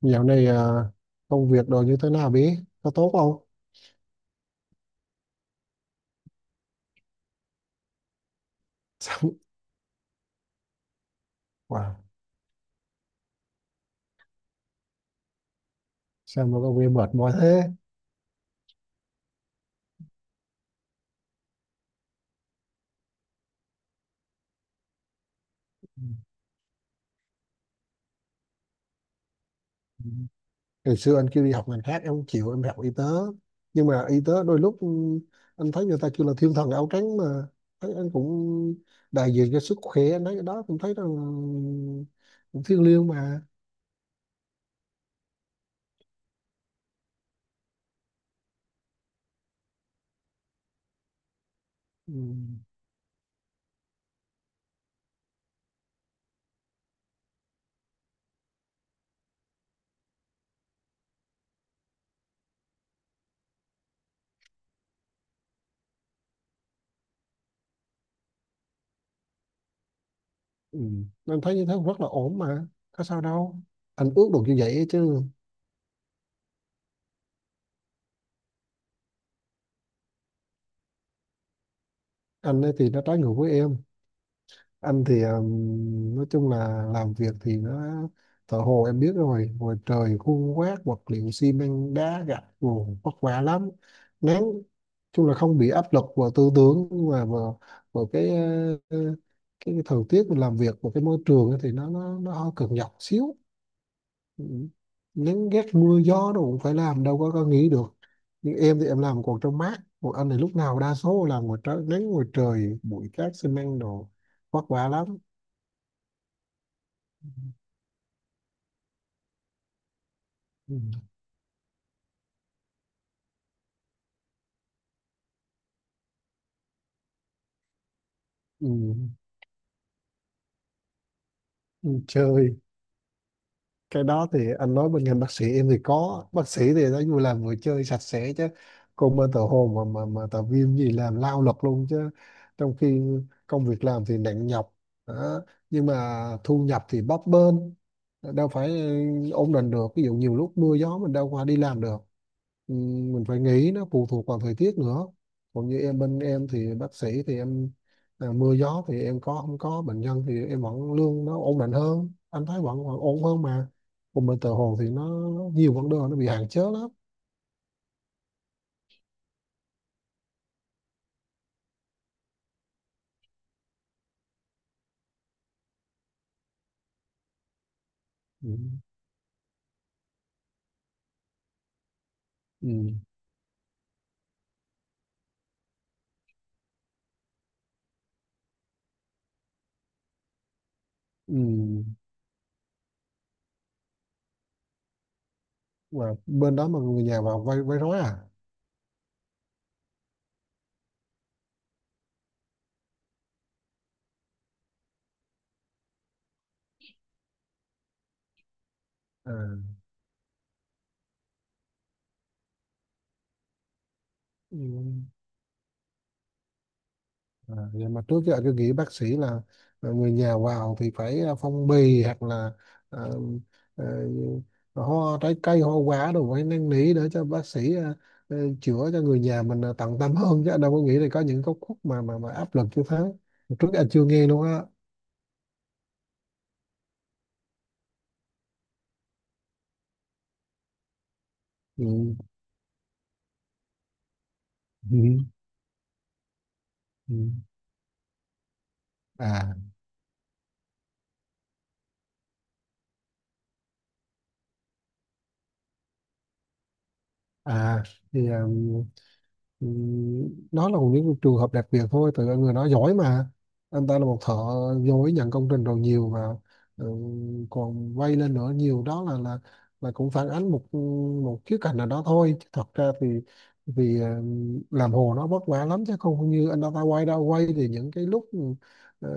Dạo này à, công việc đồ như thế nào bí? Có tốt không? Sao, wow, sao mà công việc mệt mỏi thế? Ừ. Ngày xưa anh kêu đi học ngành khác em không chịu, em học y tế. Nhưng mà y tế đôi lúc anh thấy người ta kêu là thiên thần áo trắng mà. Thấy anh cũng đại diện cho sức khỏe, anh thấy cái đó cũng thấy rằng cũng thiêng liêng mà. Ừ. Ừ. Anh thấy như thế cũng rất là ổn mà. Có sao đâu. Anh ước được như vậy chứ. Anh ấy thì nó trái ngược với em, anh thì nói chung là làm việc thì nó thợ hồ em biết rồi, ngoài trời khuôn quét vật liệu xi măng đá gạch nguồn vất vả lắm, nắng chung là không bị áp lực vào tư tưởng, nhưng mà vào cái ờ, cái thời tiết mình làm việc và cái môi trường ấy thì nó hơi cực nhọc xíu. Ừ. Nắng ghét mưa gió đâu cũng phải làm, đâu có nghỉ được. Nhưng em thì em làm còn trong mát, còn anh thì lúc nào đa số làm ngoài trời nắng, ngoài trời bụi cát xi măng đồ, vất vả lắm. ừ, ừ, ừ, Chơi cái đó thì anh nói bên ngành bác sĩ em thì có bác sĩ thì nó vui, làm vừa chơi sạch sẽ chứ. Còn bên tờ hồ mà tờ viêm gì làm lao lực luôn chứ. Trong khi công việc làm thì nặng nhọc đó. Nhưng mà thu nhập thì bấp bênh, đâu phải ổn định được, ví dụ nhiều lúc mưa gió mình đâu qua đi làm được. Ừ, mình phải nghĩ nó phụ thuộc vào thời tiết nữa. Còn như em, bên em thì bác sĩ thì em à, mưa gió thì em có không có bệnh nhân thì em vẫn lương nó ổn định hơn, anh thấy vẫn ổn hơn mà. Còn bên tờ Hồ thì nó nhiều vấn đề, nó bị hạn chế lắm. Ừ. Ừ. Ừ. Mà bên đó mà người nhà vào vay vay rối à? À. Ừ. À, nhưng mà trước giờ cứ nghĩ bác sĩ là người nhà vào thì phải à, phong bì hoặc là à, à, hoa trái cây hoa quả đồ phải năn nỉ để cho bác sĩ à, à, chữa cho người nhà mình à, tận tâm hơn chứ đâu có nghĩ là có những góc khuất mà áp lực như thế. Trước giờ chưa nghe luôn á. Ừ. Ừ. Ừ. À à thì Ừ, đó là những cái trường hợp đặc biệt thôi, tại người đó giỏi mà. Anh ta là một thợ giỏi, nhận công trình rồi nhiều mà. Ừ, còn vay lên nữa nhiều, đó là là cũng phản ánh một một khía cạnh nào đó thôi. Chứ thật ra thì vì làm hồ nó vất vả lắm chứ không như anh ta ta quay đâu quay, thì những cái lúc ừ,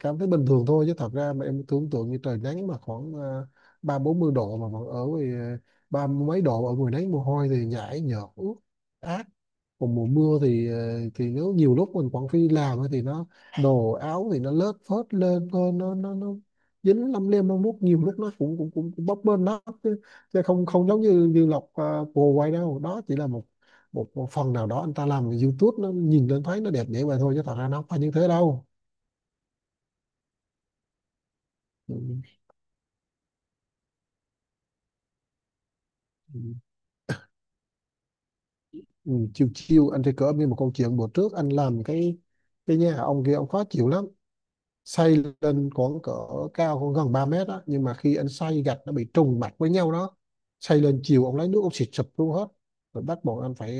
cảm thấy bình thường thôi, chứ thật ra mà em tưởng tượng như trời nắng mà khoảng ba bốn mươi độ mà vẫn ở ngoài, ba mấy độ ở ngoài nắng, mồ hôi thì nhảy nhợt ướt. Còn mùa mưa thì thì nếu nhiều lúc mình quảng phi làm ấy thì nó đồ áo thì nó lớt phớt lên thôi, nó dính lăm lem lăm lúc, nhiều lúc nó cũng cũng bấp bênh lắm chứ, chứ không không giống như như lọc à, bồ quay đâu đó chỉ là một một phần nào đó. Anh ta làm cái YouTube nó nhìn lên thấy nó đẹp vậy vậy thôi chứ thật ra nó không phải như thế đâu. Ừ. Ừ. Ừ. Chiều chiều anh thì cỡ như một câu chuyện, bữa trước anh làm cái nhà ông kia, ông khó chịu lắm, xây lên khoảng cỡ cao khoảng gần 3 mét đó, nhưng mà khi anh xây gạch nó bị trùng mặt với nhau đó, xây lên chiều ông lấy nước ông xịt sụp luôn hết. Rồi bắt buộc anh phải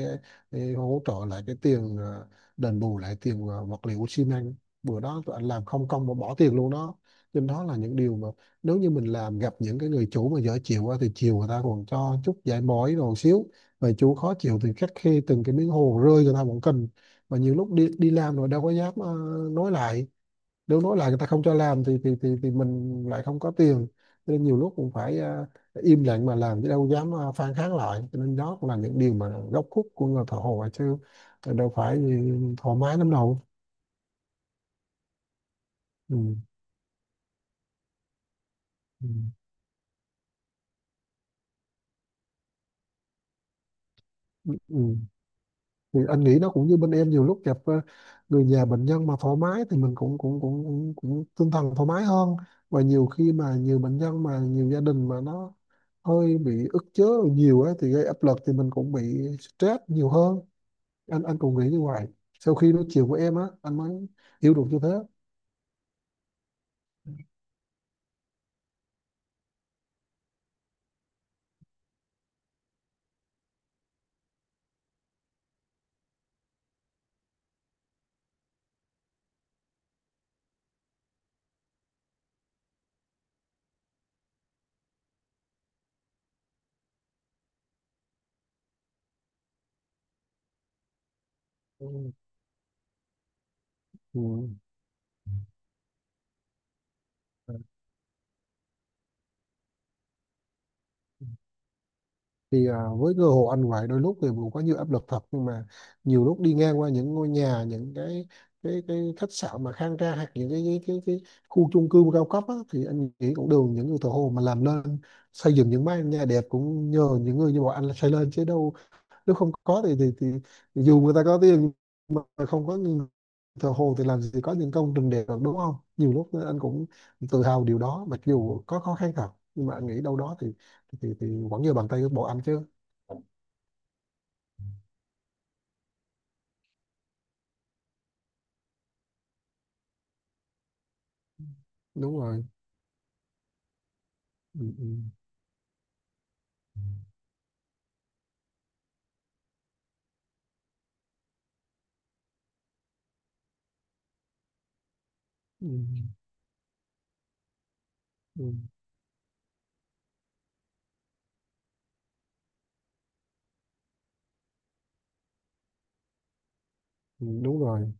hỗ trợ lại cái tiền, đền bù lại tiền, vật liệu xi măng. Bữa đó tụi anh làm không công mà bỏ tiền luôn đó. Nên đó là những điều mà nếu như mình làm gặp những cái người chủ mà dở chịu á, thì chiều người ta còn cho chút giải mỏi rồi xíu, mà chủ khó chịu thì khắt khe từng cái miếng hồ rơi người ta cũng cần. Mà nhiều lúc đi đi làm rồi đâu có dám nói lại, nếu nói là người ta không cho làm thì mình lại không có tiền. Cho nên nhiều lúc cũng phải à, im lặng mà làm chứ đâu dám à, phản kháng lại. Cho nên đó cũng là những điều mà góc khuất của người thợ hồ chứ đâu phải gì thoải mái lắm đâu. Ừ. Ừ. Ừ. Thì anh nghĩ nó cũng như bên em, nhiều lúc gặp người nhà bệnh nhân mà thoải mái thì mình cũng cũng tinh thần thoải mái hơn. Và nhiều khi mà nhiều bệnh nhân mà nhiều gia đình mà nó hơi bị ức chế nhiều á thì gây áp lực, thì mình cũng bị stress nhiều hơn. Anh cũng nghĩ như vậy, sau khi nói chuyện với em á anh mới hiểu được như thế. Ừ. Ừ. Thì à, với cơ hội anh vậy đôi lúc thì cũng có nhiều áp lực thật, nhưng mà nhiều lúc đi ngang qua những ngôi nhà, những cái khách sạn mà khang trang, hoặc những cái khu chung cư cao cấp á, thì anh nghĩ cũng đều những người thợ hồ mà làm nên. Xây dựng những mái nhà đẹp cũng nhờ những người như bọn anh là xây lên chứ đâu. Nếu không có thì dù người ta có tiền mà không có người thờ hồ thì làm gì có những công trình đẹp được, đúng không? Nhiều lúc anh cũng tự hào điều đó, mặc dù có khó khăn thật, nhưng mà anh nghĩ đâu đó thì vẫn như bàn tay của bộ anh chứ. Đúng rồi. ừ, ừ, ừ, ừ, ừ, Đúng rồi,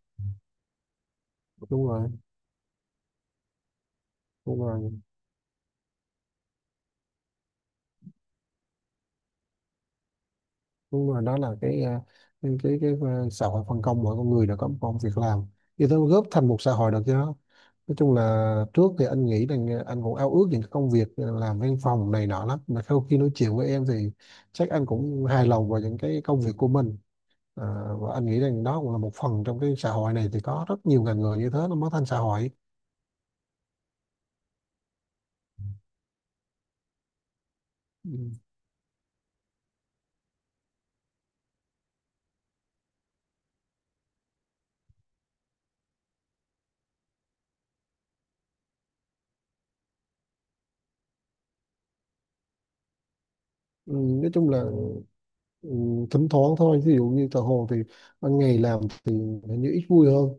đúng rồi, đúng rồi, đúng rồi, đó là cái à, cái à, xã hội phân công mỗi con người đã có một công việc làm thì nó góp thành một xã hội được chứ. Nói chung là trước thì anh nghĩ rằng à, anh cũng ao ước những cái công việc à, làm văn phòng này nọ lắm, mà sau khi nói chuyện với em thì chắc anh cũng hài lòng vào những cái công việc của mình. À, và anh nghĩ rằng đó cũng là một phần trong cái xã hội này, thì có rất nhiều ngành nghề như thế nó mới thành xã hội. Ừ. Ừ, nói chung là Ừ, thỉnh thoảng thôi, ví dụ như tờ hồ thì ban ngày làm thì hình như ít vui hơn.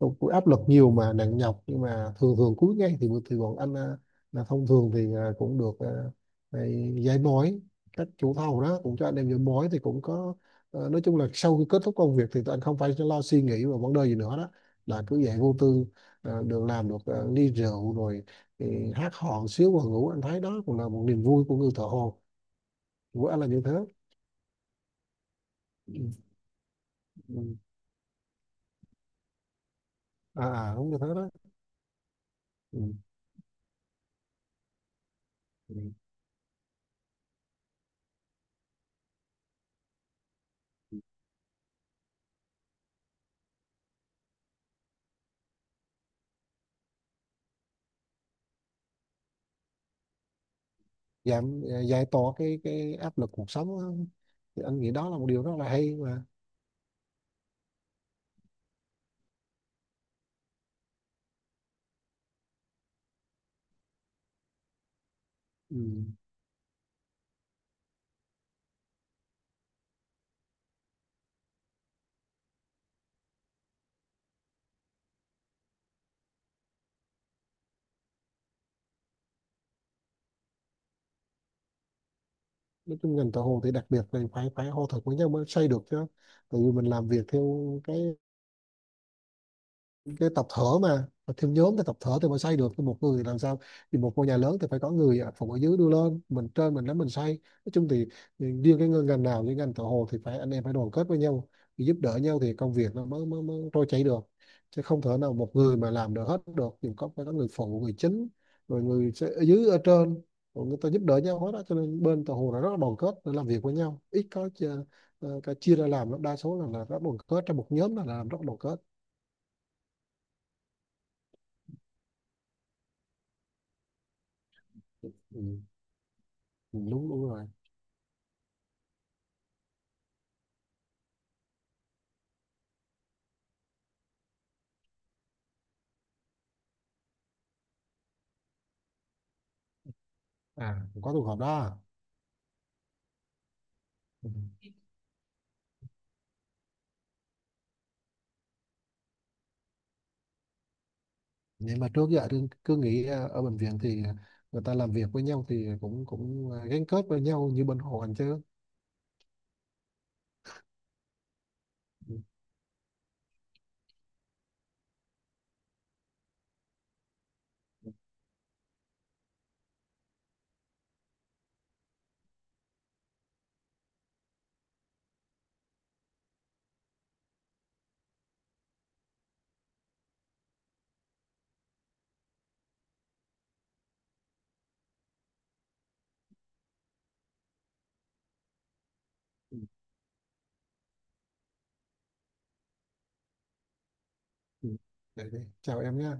Đâu có áp lực nhiều mà nặng nhọc, nhưng mà thường thường cuối ngày thì bọn anh à, là thông thường thì à, cũng được à, này, giải mối, các chủ thầu đó cũng cho anh em giải mối thì cũng có. À, nói chung là sau khi kết thúc công việc thì tụi anh không phải lo suy nghĩ và vấn đề gì nữa đó, là cứ dạy vô tư, à, được làm được à, ly rượu rồi thì hát hò xíu và ngủ. Anh thấy đó cũng là một niềm vui của người thợ hồ, của anh là như thế. Ừ. À, à đúng như thế đó. Ừ. Ừ. giảm Giải tỏa cái áp lực cuộc sống á. Thì anh nghĩ đó là một điều rất là hay mà. Ừ. Nói chung ngành thợ hồ thì đặc biệt là phải phải hô thực với nhau mới xây được chứ. Tại vì mình làm việc theo cái tập thở mà, thêm nhóm thì tập thở thì mới xây được, thì một người thì làm sao? Thì một ngôi nhà lớn thì phải có người ở phòng ở dưới đưa lên, mình trên mình nắm mình xây. Nói chung thì riêng cái ngành nào như ngành thợ hồ thì phải anh em phải đoàn kết với nhau, thì giúp đỡ nhau thì công việc nó mới mới trôi chảy được. Chứ không thể nào một người mà làm được hết được, thì có phải có người phụ người chính, rồi người sẽ ở dưới ở trên, rồi người ta giúp đỡ nhau hết đó. Cho nên bên thợ hồ là rất là đoàn kết để làm việc với nhau, ít có cái chia ra làm lắm. Đa số là rất đoàn kết, trong một nhóm là làm rất đoàn kết. Ừ. Ừ, đúng đúng rồi. À có trường hợp đó. Ừ, nhưng mà trước giờ tôi cứ nghĩ ở bệnh viện thì người ta làm việc với nhau thì cũng cũng ờ, gắn kết với nhau như bên hồ anh chứ. Ừ, ừ. Ừ. Vậy đi. Chào em nhé.